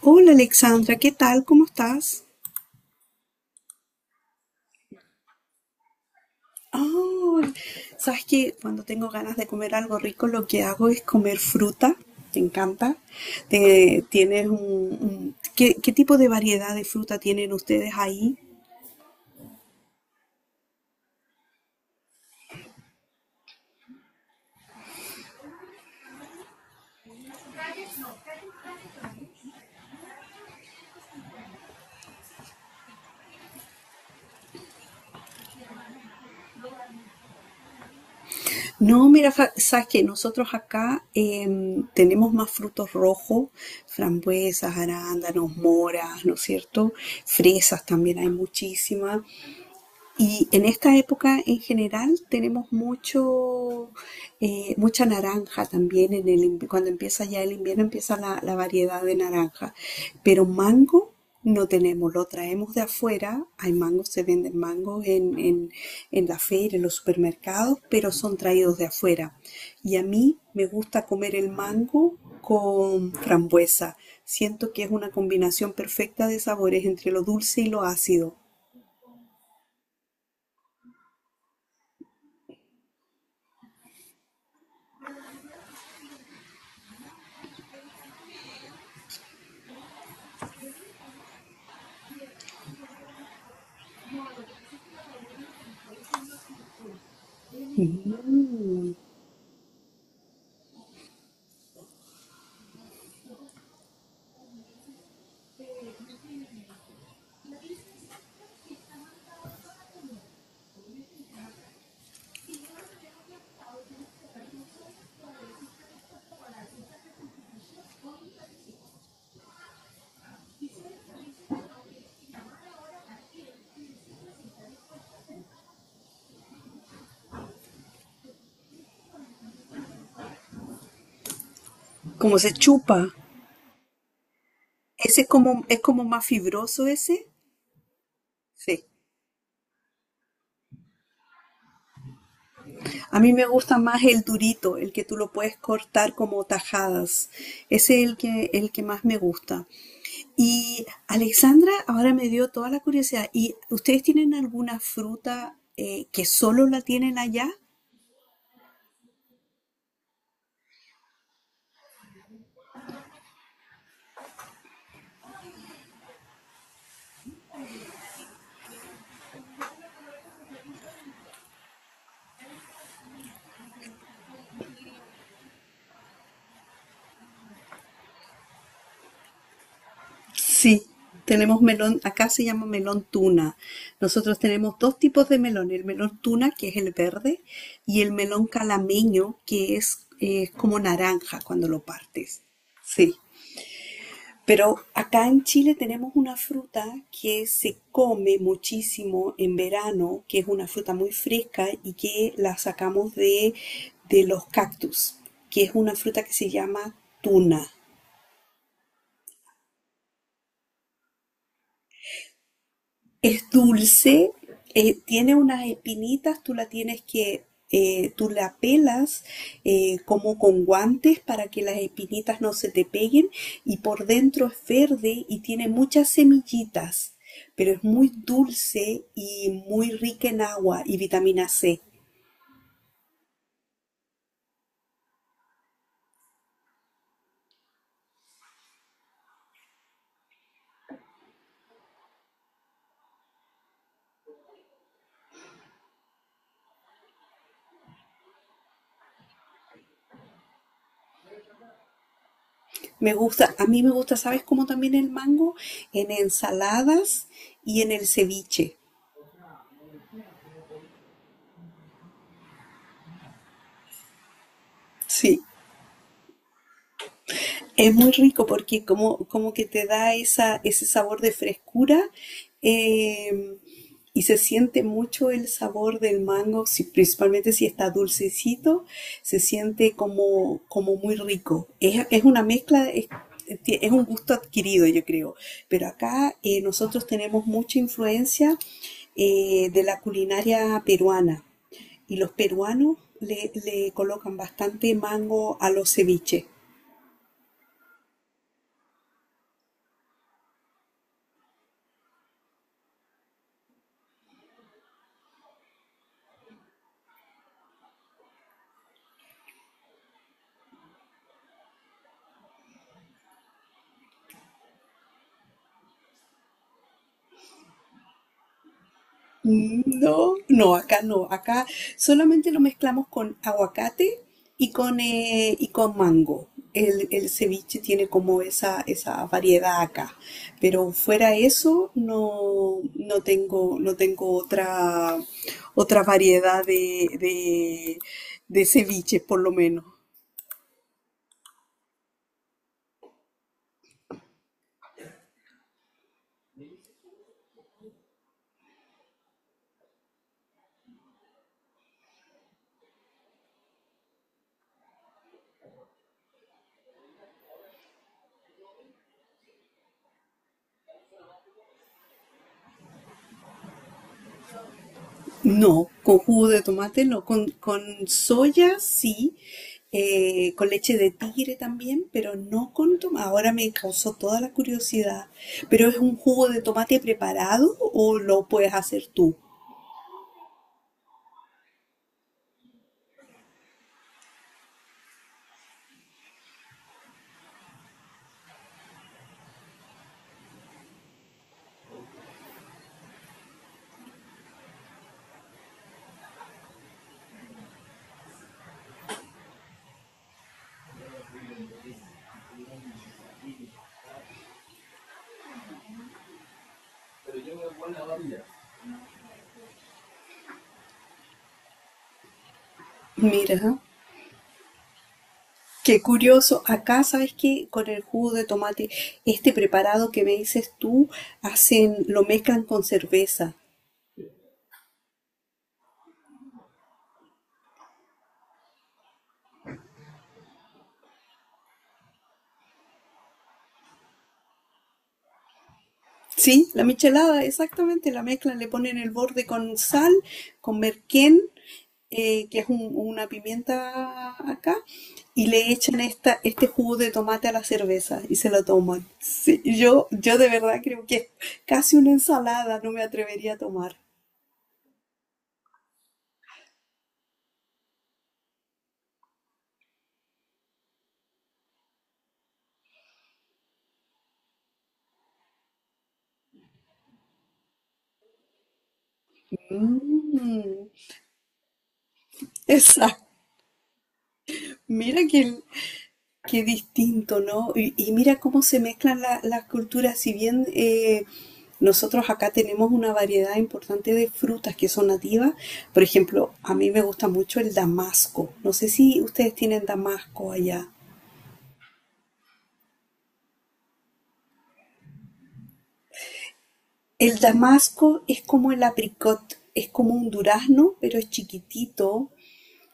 Hola Alexandra, ¿qué tal? ¿Cómo estás? Oh, sabes que cuando tengo ganas de comer algo rico, lo que hago es comer fruta. ¿Te encanta? ¿Tienes ¿qué, qué tipo de variedad de fruta tienen ustedes ahí? No, mira, sabes que nosotros acá tenemos más frutos rojos, frambuesas, arándanos, moras, ¿no es cierto? Fresas también hay muchísimas. Y en esta época en general tenemos mucha naranja también. Cuando empieza ya el invierno empieza la variedad de naranja. Pero mango no tenemos, lo traemos de afuera. Hay mangos, se venden mangos en la feria, en los supermercados, pero son traídos de afuera. Y a mí me gusta comer el mango con frambuesa. Siento que es una combinación perfecta de sabores entre lo dulce y lo ácido. Como se chupa. Ese es como más fibroso ese. Sí. A mí me gusta más el durito, el que tú lo puedes cortar como tajadas. Ese es el que más me gusta. Y Alexandra, ahora me dio toda la curiosidad. ¿Y ustedes tienen alguna fruta que solo la tienen allá? Sí, tenemos melón, acá se llama melón tuna. Nosotros tenemos dos tipos de melón, el melón tuna, que es el verde, y el melón calameño, que es como naranja cuando lo partes. Sí, pero acá en Chile tenemos una fruta que se come muchísimo en verano, que es una fruta muy fresca y que la sacamos de los cactus, que es una fruta que se llama tuna. Es dulce, tiene unas espinitas, tú la pelas como con guantes para que las espinitas no se te peguen y por dentro es verde y tiene muchas semillitas, pero es muy dulce y muy rica en agua y vitamina C. Me gusta, a mí me gusta, ¿sabes cómo también el mango? En ensaladas y en el ceviche. Sí. Es muy rico porque como que te da ese sabor de frescura eh, y se siente mucho el sabor del mango, principalmente si está dulcecito, se siente como, como muy rico. Es una es un gusto adquirido, yo creo. Pero acá nosotros tenemos mucha influencia de la culinaria peruana y los peruanos le colocan bastante mango a los ceviches. No, no, acá no, acá solamente lo mezclamos con aguacate y con mango. El ceviche tiene como esa variedad acá, pero fuera eso no, no tengo otra variedad de ceviche, por lo menos. No, con jugo de tomate no, con soya sí, con leche de tigre también, pero no con tomate. Ahora me causó toda la curiosidad, pero ¿es un jugo de tomate preparado o lo puedes hacer tú? Mira, qué curioso. Acá, ¿sabes qué? Con el jugo de tomate, este preparado que me dices tú, hacen, lo mezclan con cerveza. Sí, la michelada, exactamente, la mezclan, le ponen el borde con sal, con merquén, una pimienta acá, y le echan este jugo de tomate a la cerveza y se lo toman. Sí, yo de verdad creo que es casi una ensalada, no me atrevería a tomar. Mm, exacto. Mira que Qué distinto, ¿no? Y mira cómo se mezclan las culturas. Si bien nosotros acá tenemos una variedad importante de frutas que son nativas, por ejemplo, a mí me gusta mucho el damasco. No sé si ustedes tienen damasco allá. El damasco es como el apricot, es como un durazno, pero es chiquitito,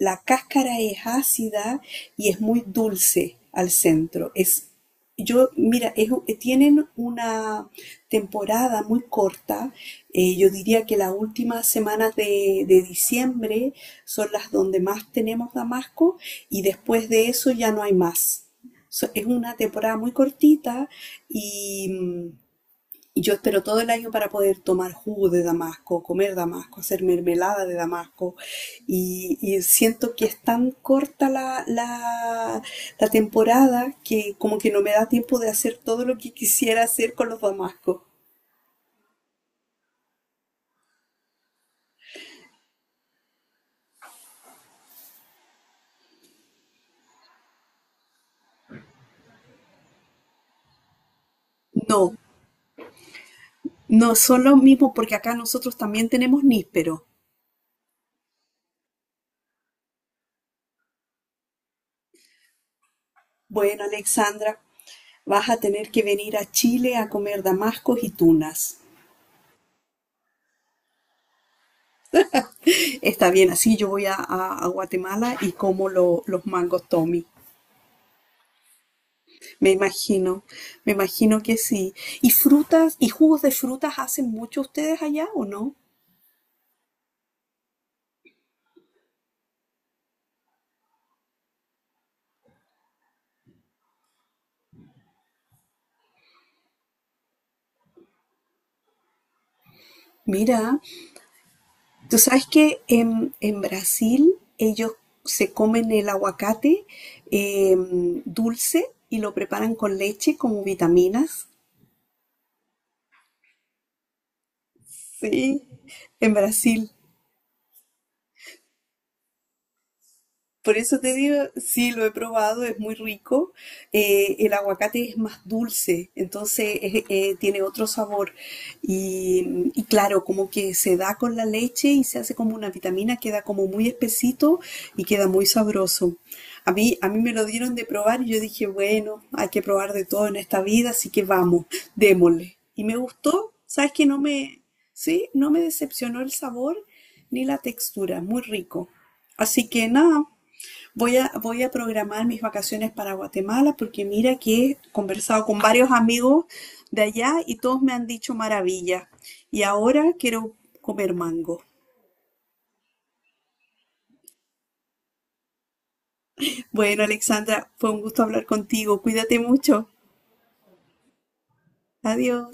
la cáscara es ácida y es muy dulce al centro. Es, yo, mira, es Tienen una temporada muy corta. Yo diría que las últimas semanas de diciembre son las donde más tenemos damasco y después de eso ya no hay más. Es una temporada muy cortita y y yo espero todo el año para poder tomar jugo de Damasco, comer Damasco, hacer mermelada de Damasco. Y siento que es tan corta la temporada que como que no me da tiempo de hacer todo lo que quisiera hacer con los Damascos. No, no son los mismos porque acá nosotros también tenemos níspero. Bueno, Alexandra, vas a tener que venir a Chile a comer damascos y tunas. Está bien, así yo voy a Guatemala y como los mangos Tommy. Me imagino, me imagino que sí. ¿Y frutas y jugos de frutas hacen mucho ustedes allá o no? Mira, tú sabes que en Brasil ellos se comen el aguacate eh, dulce y lo preparan con leche como vitaminas. Sí, en Brasil. Por eso te digo, sí, lo he probado, es muy rico. El aguacate es más dulce, tiene otro sabor. Y claro, como que se da con la leche y se hace como una vitamina, queda como muy espesito y queda muy sabroso. A mí me lo dieron de probar y yo dije, bueno, hay que probar de todo en esta vida, así que vamos, démosle. Y me gustó, sabes que no me, sí, no me decepcionó el sabor ni la textura, muy rico. Así que nada. Voy a, voy a programar mis vacaciones para Guatemala porque mira que he conversado con varios amigos de allá y todos me han dicho maravilla. Y ahora quiero comer mango. Bueno, Alexandra, fue un gusto hablar contigo. Cuídate mucho. Adiós.